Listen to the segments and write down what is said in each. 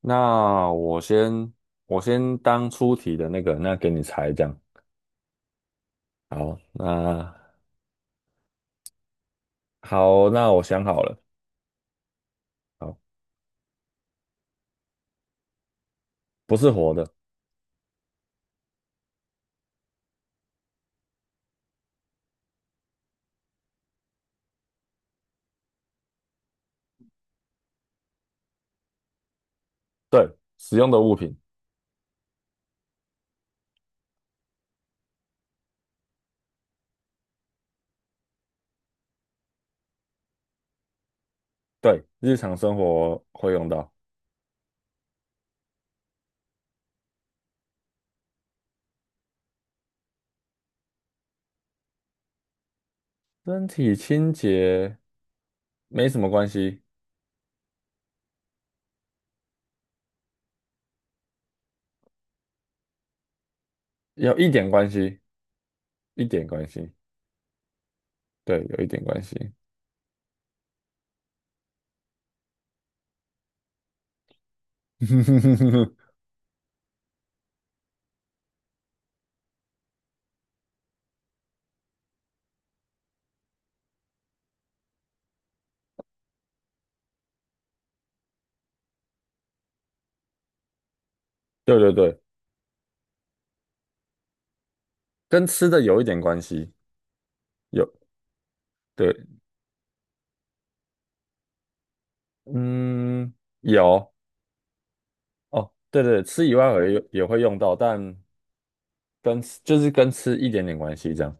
那我先当出题的那个，那给你猜这样。好，那好，那我想好了，好，不是活的，对，使用的物品，对，日常生活会用到，身体清洁没什么关系，有一点关系，一点关系，对，有一点关系，对对对，跟吃的有一点关系，有，对，嗯，有。哦，对对，吃以外也会用到，但就是跟吃一点点关系这样。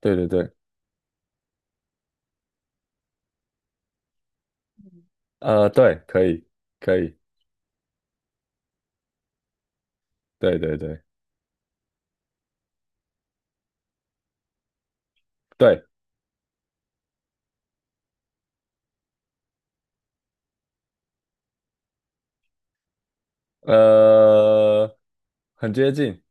对对对，对，可以，对对对对，呃，很接近，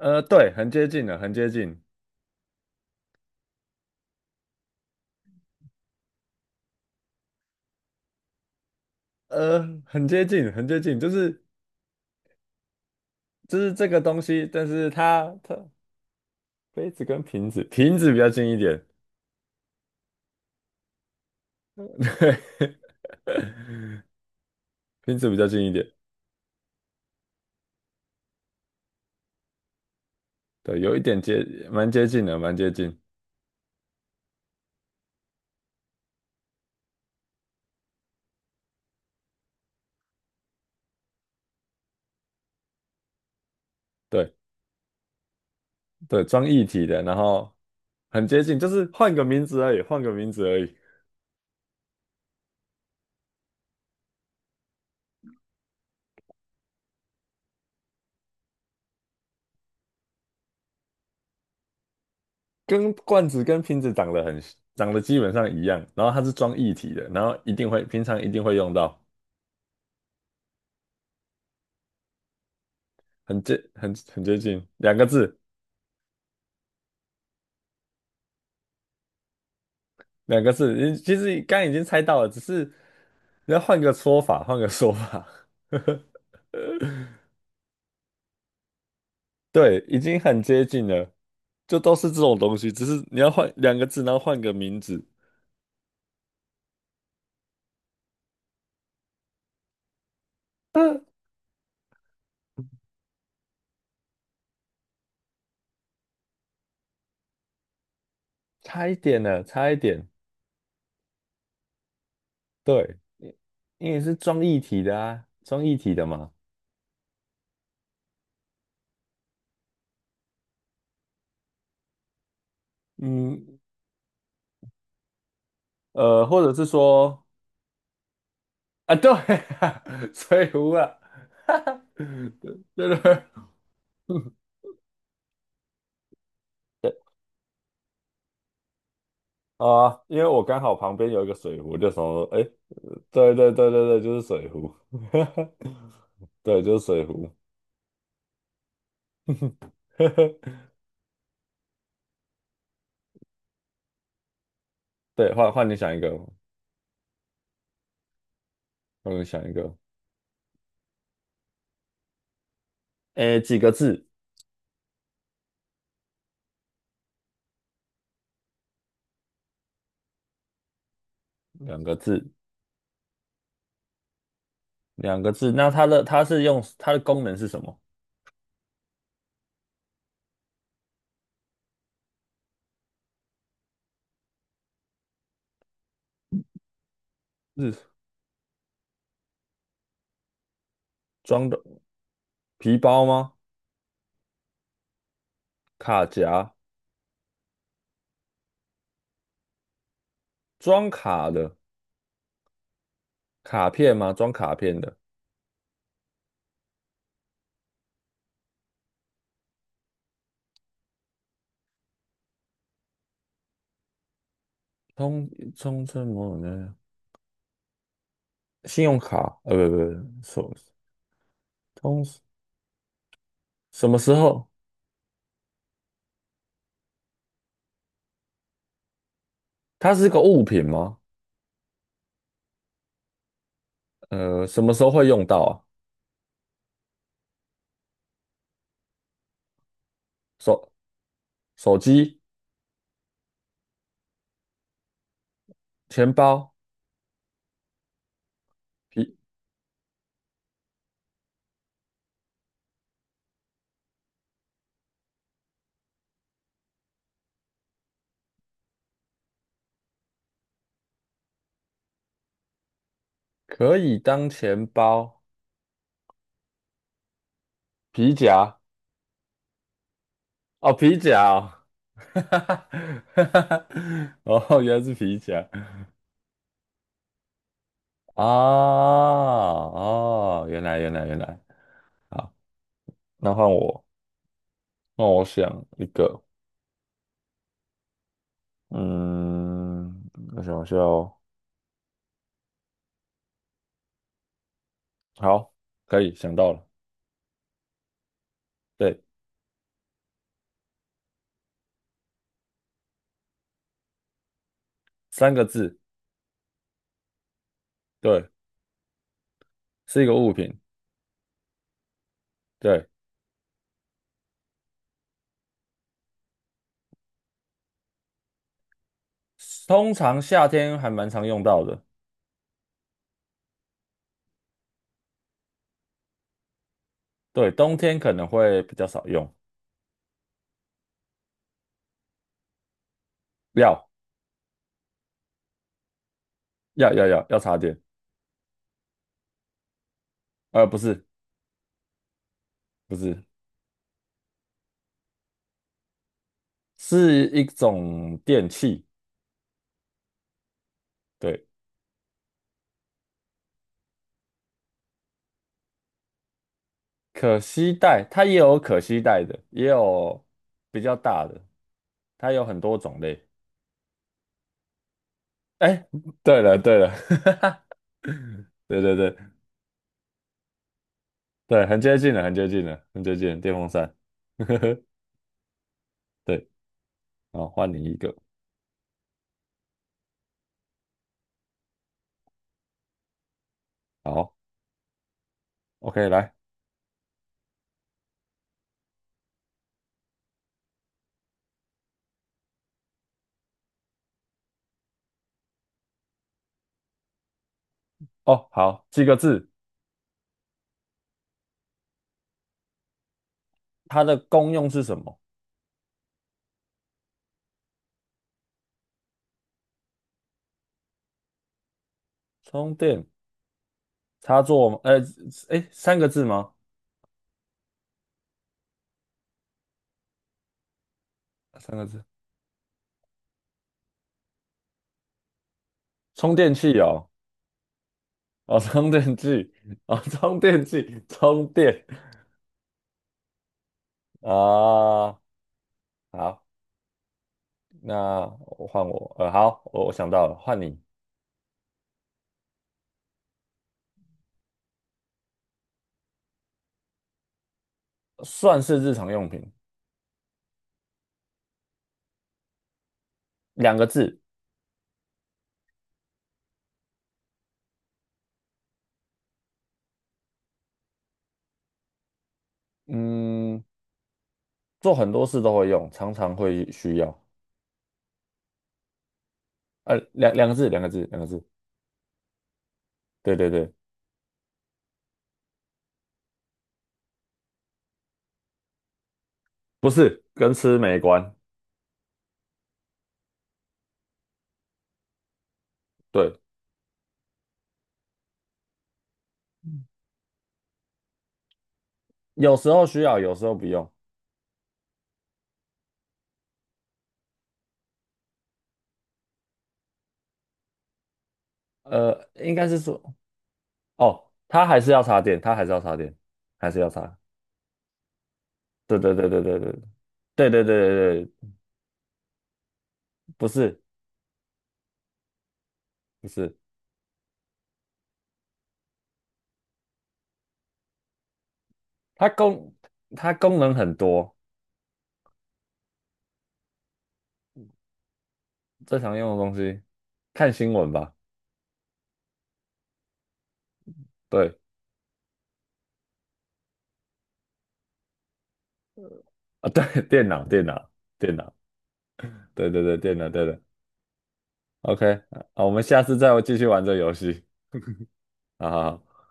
对，很接近了，很接近，很接近，很接近，就是这个东西，但是它杯子跟瓶子，瓶子比较近一点，对，瓶子比较近一点，对，有一点接，蛮接近的，蛮接近，对对，装一体的，然后很接近，就是换个名字而已，换个名字而已。跟罐子跟瓶子长得基本上一样，然后它是装液体的，然后一定会平常一定会用到，很接近，两个字，你其实刚刚已经猜到了，只是你要换个说法，换个说法，对，已经很接近了，就都是这种东西，只是你要换两个字，然后换个名字，嗯，差一点了，差一点，对，因为是装液体的啊，装液体的嘛。嗯，或者是说，啊，对啊，水壶啊，哈哈，对对 对啊，因为我刚好旁边有一个水壶，就想说，哎，对对对对对，就是水壶，对，就是水壶，对，换你想一个，换你想一个，哎，几个字？两个字，两个字。那它的功能是什么？是装的皮包吗？卡夹，装卡的，卡片吗？装卡片的。通通称某种的信用卡，不不，不什通什么时候？它是个物品吗？什么时候会用到啊？手手机、钱包、皮可以当钱包、皮夹哦，皮夹哦，哈哈哈哈哈，哦，原来是皮夹啊哦，原来原来原来，好，那换我，换我想一个，嗯，我想一下哦。好，可以想到了，对，三个字，对，是一个物品，对，通常夏天还蛮常用到的，对，冬天可能会比较少用，要要插电，不是不是，是一种电器，对，可携带，它也有可携带的，也有比较大的，它有很多种类，哎，对了对了，对对对对，很接近了，很接近了，很接近了电风扇。对，好，换你一个。好，OK，来。哦，好，几个字，它的功用是什么？充电插座吗？哎，三个字吗？三个字。充电器哦，哦，充电器，哦，充电器，充电啊。好，那我换我。好，我想到了，换你。算是日常用品，两个字。嗯，做很多事都会用，常常会需要。两个字，两个字，两个字。对对对，不是，跟吃没关。对，有时候需要，有时候不用。应该是说，哦，它还是要插电，它还是要插电，还是要插。对对对对对对对对对对对，不是不是，它功它功能很多，最常用的东西，看新闻吧。对啊，对，电脑电脑电脑，对对对，电脑对的。OK，啊，我们下次再继续玩这个游戏。好好好，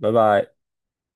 拜拜。